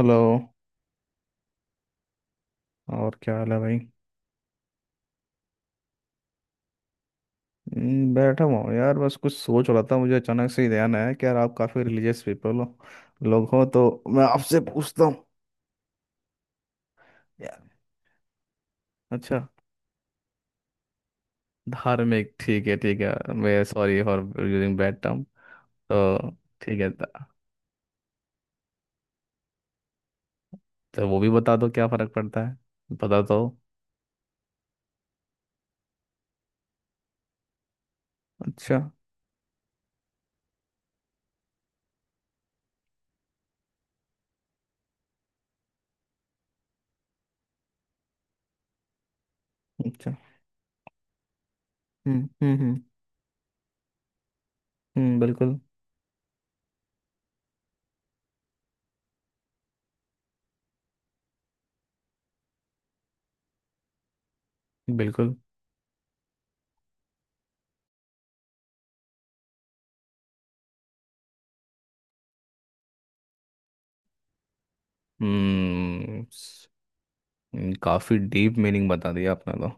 Hello. और क्या हाल है भाई। बैठा हुआ हूँ यार, बस कुछ सोच रहा था। मुझे अचानक से ही ध्यान आया कि यार आप काफ़ी रिलीजियस पीपल हो, लोग हो, तो मैं आपसे पूछता हूँ। यार, अच्छा। धार्मिक ठीक है, ठीक है, मैं sorry for using bad term. तो ठीक है तो वो भी बता दो क्या फ़र्क पड़ता है। बता दो। अच्छा। अच्छा। हम्म। हम्म। हम्म। बिल्कुल। बिल्कुल। हम्म। काफ़ी डीप मीनिंग बता दिया आपने तो।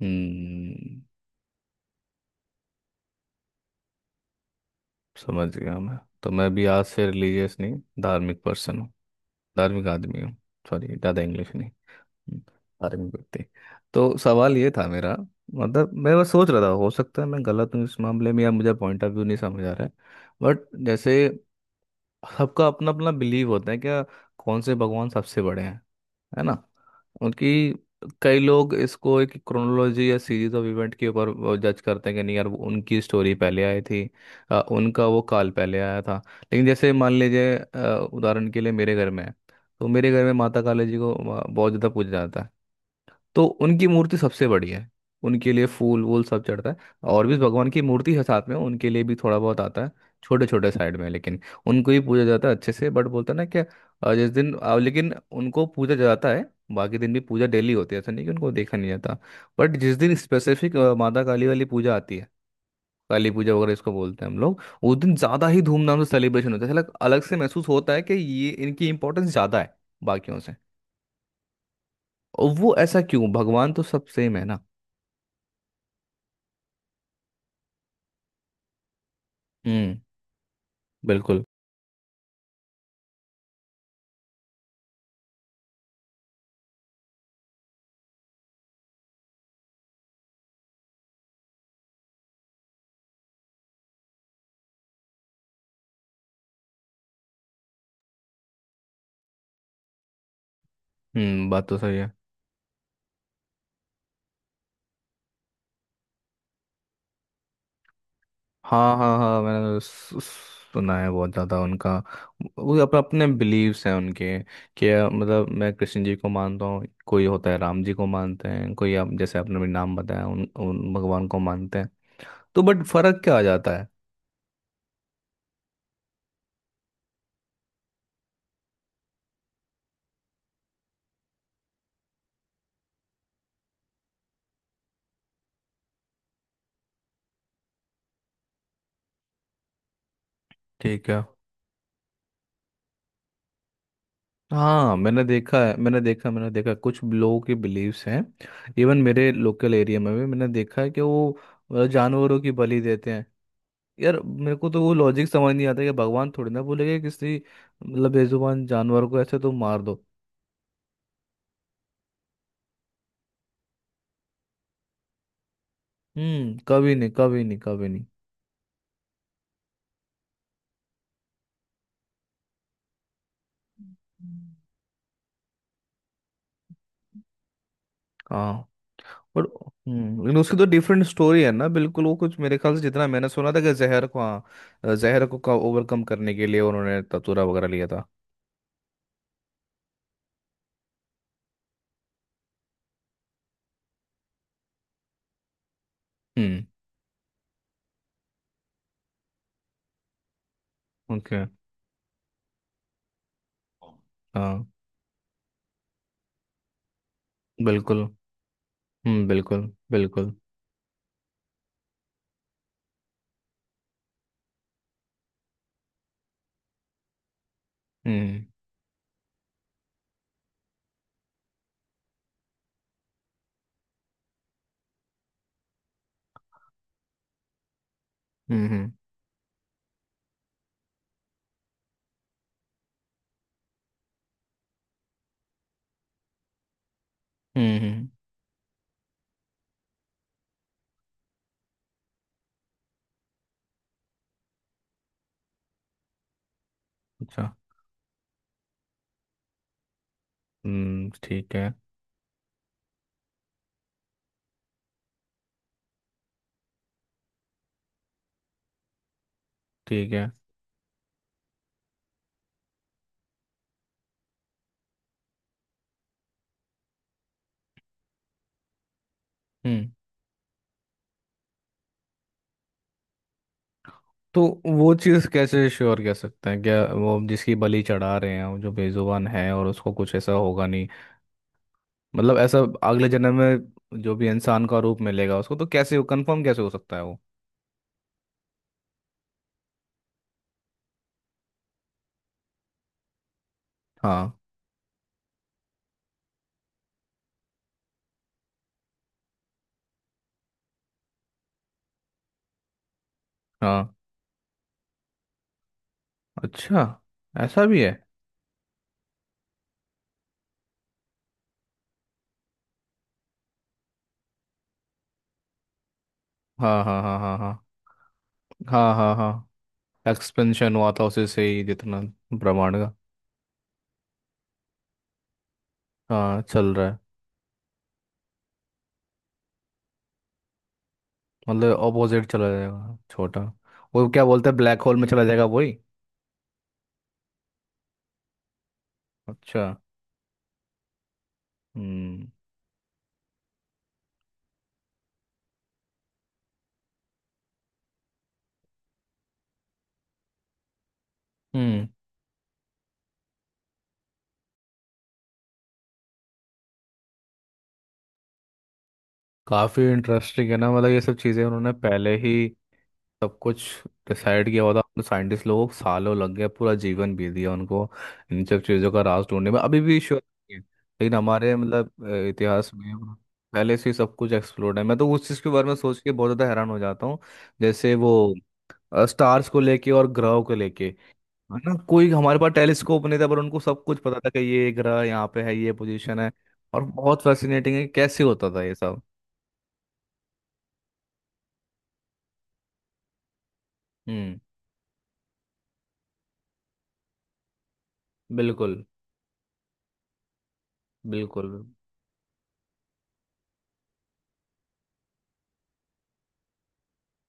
हम्म। समझ गया मैं। तो मैं भी आज से रिलीजियस नहीं, धार्मिक पर्सन हूँ। धार्मिक आदमी हूँ। सॉरी, ज़्यादा इंग्लिश नहीं। हम्म, धार्मिक व्यक्ति। तो सवाल ये था मेरा। मतलब मैं बस सोच रहा था, हो सकता है मैं गलत हूँ इस मामले में, या मुझे पॉइंट ऑफ व्यू नहीं समझ आ रहा है। बट जैसे, सबका अपना अपना बिलीव होता है क्या। कौन से भगवान सबसे बड़े हैं, है ना। उनकी कई लोग इसको एक क्रोनोलॉजी या सीरीज ऑफ इवेंट के ऊपर जज करते हैं कि नहीं यार, वो उनकी स्टोरी पहले आई थी। उनका वो काल पहले आया था। लेकिन जैसे मान लीजिए, उदाहरण के लिए मेरे घर में है। तो मेरे घर में माता काली जी को बहुत ज़्यादा पूजा जाता है। तो उनकी मूर्ति सबसे बड़ी है। उनके लिए फूल वूल सब चढ़ता है। और भी भगवान की मूर्ति है साथ में, उनके लिए भी थोड़ा बहुत आता है, छोटे छोटे साइड में, लेकिन उनको ही पूजा जाता है अच्छे से। बट बोलता है ना क्या, लेकिन उनको पूजा जाता है। बाकी दिन भी पूजा डेली होती है, ऐसा नहीं कि उनको देखा नहीं जाता। बट जिस दिन स्पेसिफिक माता काली वाली पूजा आती है, काली पूजा वगैरह इसको बोलते हैं हम लोग। उस दिन ज़्यादा ही धूमधाम से सेलिब्रेशन होता है, ऐसा अलग से महसूस होता है कि ये इनकी इंपॉर्टेंस ज़्यादा है बाकियों से। और वो ऐसा क्यों, भगवान तो सब सेम है ना। हम्म। बिल्कुल। हम्म। बात तो सही है। हाँ हाँ हाँ, मैंने सुना है बहुत ज़्यादा उनका। वो अपने बिलीव्स हैं उनके, कि मतलब मैं कृष्ण जी को मानता हूँ, कोई होता है राम जी को मानते हैं, कोई आप जैसे आपने भी नाम बताया, उन भगवान को मानते हैं। तो बट फर्क क्या आ जाता है। ठीक है। हाँ मैंने देखा है, मैंने देखा, मैंने देखा कुछ लोगों के बिलीव्स हैं। इवन मेरे लोकल एरिया में भी मैंने देखा है कि वो जानवरों की बलि देते हैं। यार मेरे को तो वो लॉजिक समझ नहीं आता कि भगवान थोड़ी ना बोलेगा किसी, मतलब बेजुबान जानवर को ऐसे तो मार दो। हम्म, कभी नहीं, कभी नहीं, कभी नहीं। हाँ। बट। हम्म। लेकिन उसकी तो डिफरेंट स्टोरी है ना, बिल्कुल वो कुछ मेरे ख्याल से जितना मैंने सुना था कि जहर को, हाँ, जहर को ओवरकम करने के लिए उन्होंने ततुरा वगैरह लिया था। हम्म। ओके। हाँ। बिल्कुल। हम्म। बिल्कुल। बिल्कुल। हम्म। हम्म। हम्म। हम्म, हम्म, अच्छा। हम्म। ठीक है। ठीक है। हम्म। तो वो चीज़ कैसे श्योर कह सकते हैं क्या, वो जिसकी बलि चढ़ा रहे हैं वो जो बेजुबान है, और उसको कुछ ऐसा होगा नहीं। मतलब ऐसा, अगले जन्म में जो भी इंसान का रूप मिलेगा उसको, तो कैसे कंफर्म कैसे हो सकता है वो। हाँ। हाँ। अच्छा, ऐसा भी है। हाँ हाँ हाँ हाँ हाँ हाँ हाँ हाँ। एक्सपेंशन हुआ था उसी से ही, जितना ब्रह्मांड का। हाँ चल रहा है। मतलब ऑपोजिट चला जाएगा, छोटा। वो क्या बोलते हैं, ब्लैक होल में चला जाएगा, वही। अच्छा। हम्म। हम्म। काफी इंटरेस्टिंग है ना, मतलब ये सब चीजें उन्होंने पहले ही सब कुछ डिसाइड किया हुआ था। साइंटिस्ट लोगों को सालों लग गया, पूरा जीवन बीत गया उनको इन सब चीजों का राज ढूंढने में, अभी भी श्योर नहीं है। लेकिन हमारे, मतलब इतिहास में पहले से ही सब कुछ एक्सप्लोर्ड है। मैं तो उस चीज के बारे में सोच के बहुत ज्यादा हैरान हो जाता हूँ। जैसे वो स्टार्स को लेके और ग्रहों को लेके, है ना। कोई हमारे पास टेलीस्कोप नहीं था पर उनको सब कुछ पता था कि ये ग्रह यहाँ पे है, ये पोजीशन है। और बहुत फैसिनेटिंग है कि कैसे होता था ये सब। हम्म। बिल्कुल। बिल्कुल।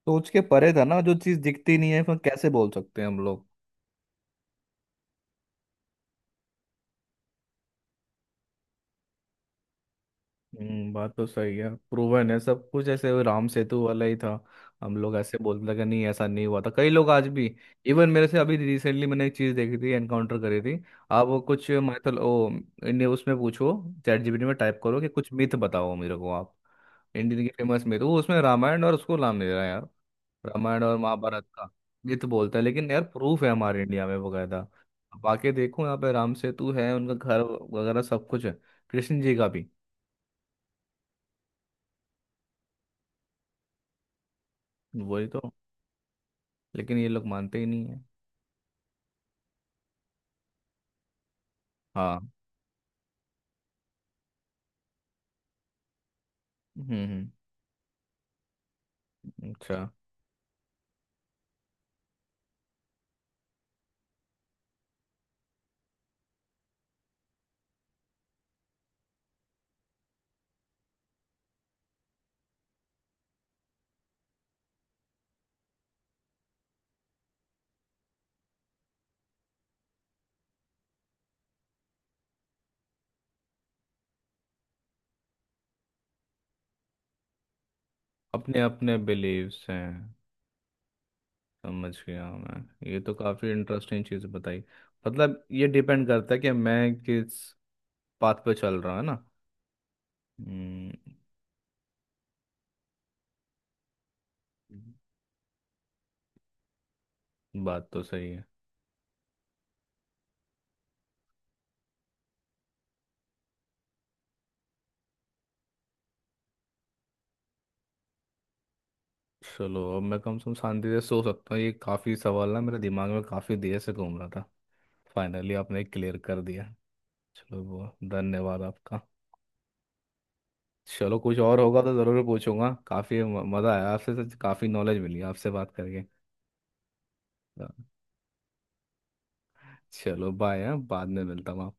सोच के परे था ना, जो चीज दिखती नहीं है फिर कैसे बोल सकते हैं हम लोग। बात तो सही है, प्रूवन है सब कुछ ऐसे। वो राम सेतु वाला ही था, हम लोग ऐसे बोलते थे कि नहीं ऐसा नहीं हुआ था, कई लोग आज भी। इवन मेरे से अभी रिसेंटली मैंने एक चीज़ देखी थी, एनकाउंटर करी थी। आप वो कुछ मैथल ओ इन्हें उसमें पूछो। चैट जीपीटी में टाइप करो कि कुछ मिथ बताओ मेरे को आप, इंडियन की फेमस मिथ। वो उसमें रामायण और उसको नाम दे रहा है यार, रामायण और महाभारत का मिथ बोलता है। लेकिन यार प्रूफ है हमारे इंडिया में बकायदा। अब आके देखो, यहाँ पे राम सेतु है, उनका घर वगैरह सब कुछ है। कृष्ण जी का भी, वही तो। लेकिन ये लोग मानते ही नहीं है। हाँ। हम्म। अच्छा। अपने अपने बिलीव्स हैं। समझ गया मैं, ये तो काफ़ी इंटरेस्टिंग चीज़ बताई। मतलब ये डिपेंड करता है कि मैं किस पाथ पे चल रहा, है ना। हम्म। बात तो सही है। चलो, अब मैं कम से कम शांति से सो सकता हूँ। ये काफ़ी सवाल ना मेरे दिमाग में काफ़ी देर से घूम रहा था, फाइनली आपने क्लियर कर दिया। चलो वो, धन्यवाद आपका। चलो कुछ और होगा तो ज़रूर पूछूंगा। काफ़ी मज़ा आया आपसे, काफ़ी नॉलेज मिली आपसे बात करके। चलो बाय। हाँ बाद में मिलता हूँ।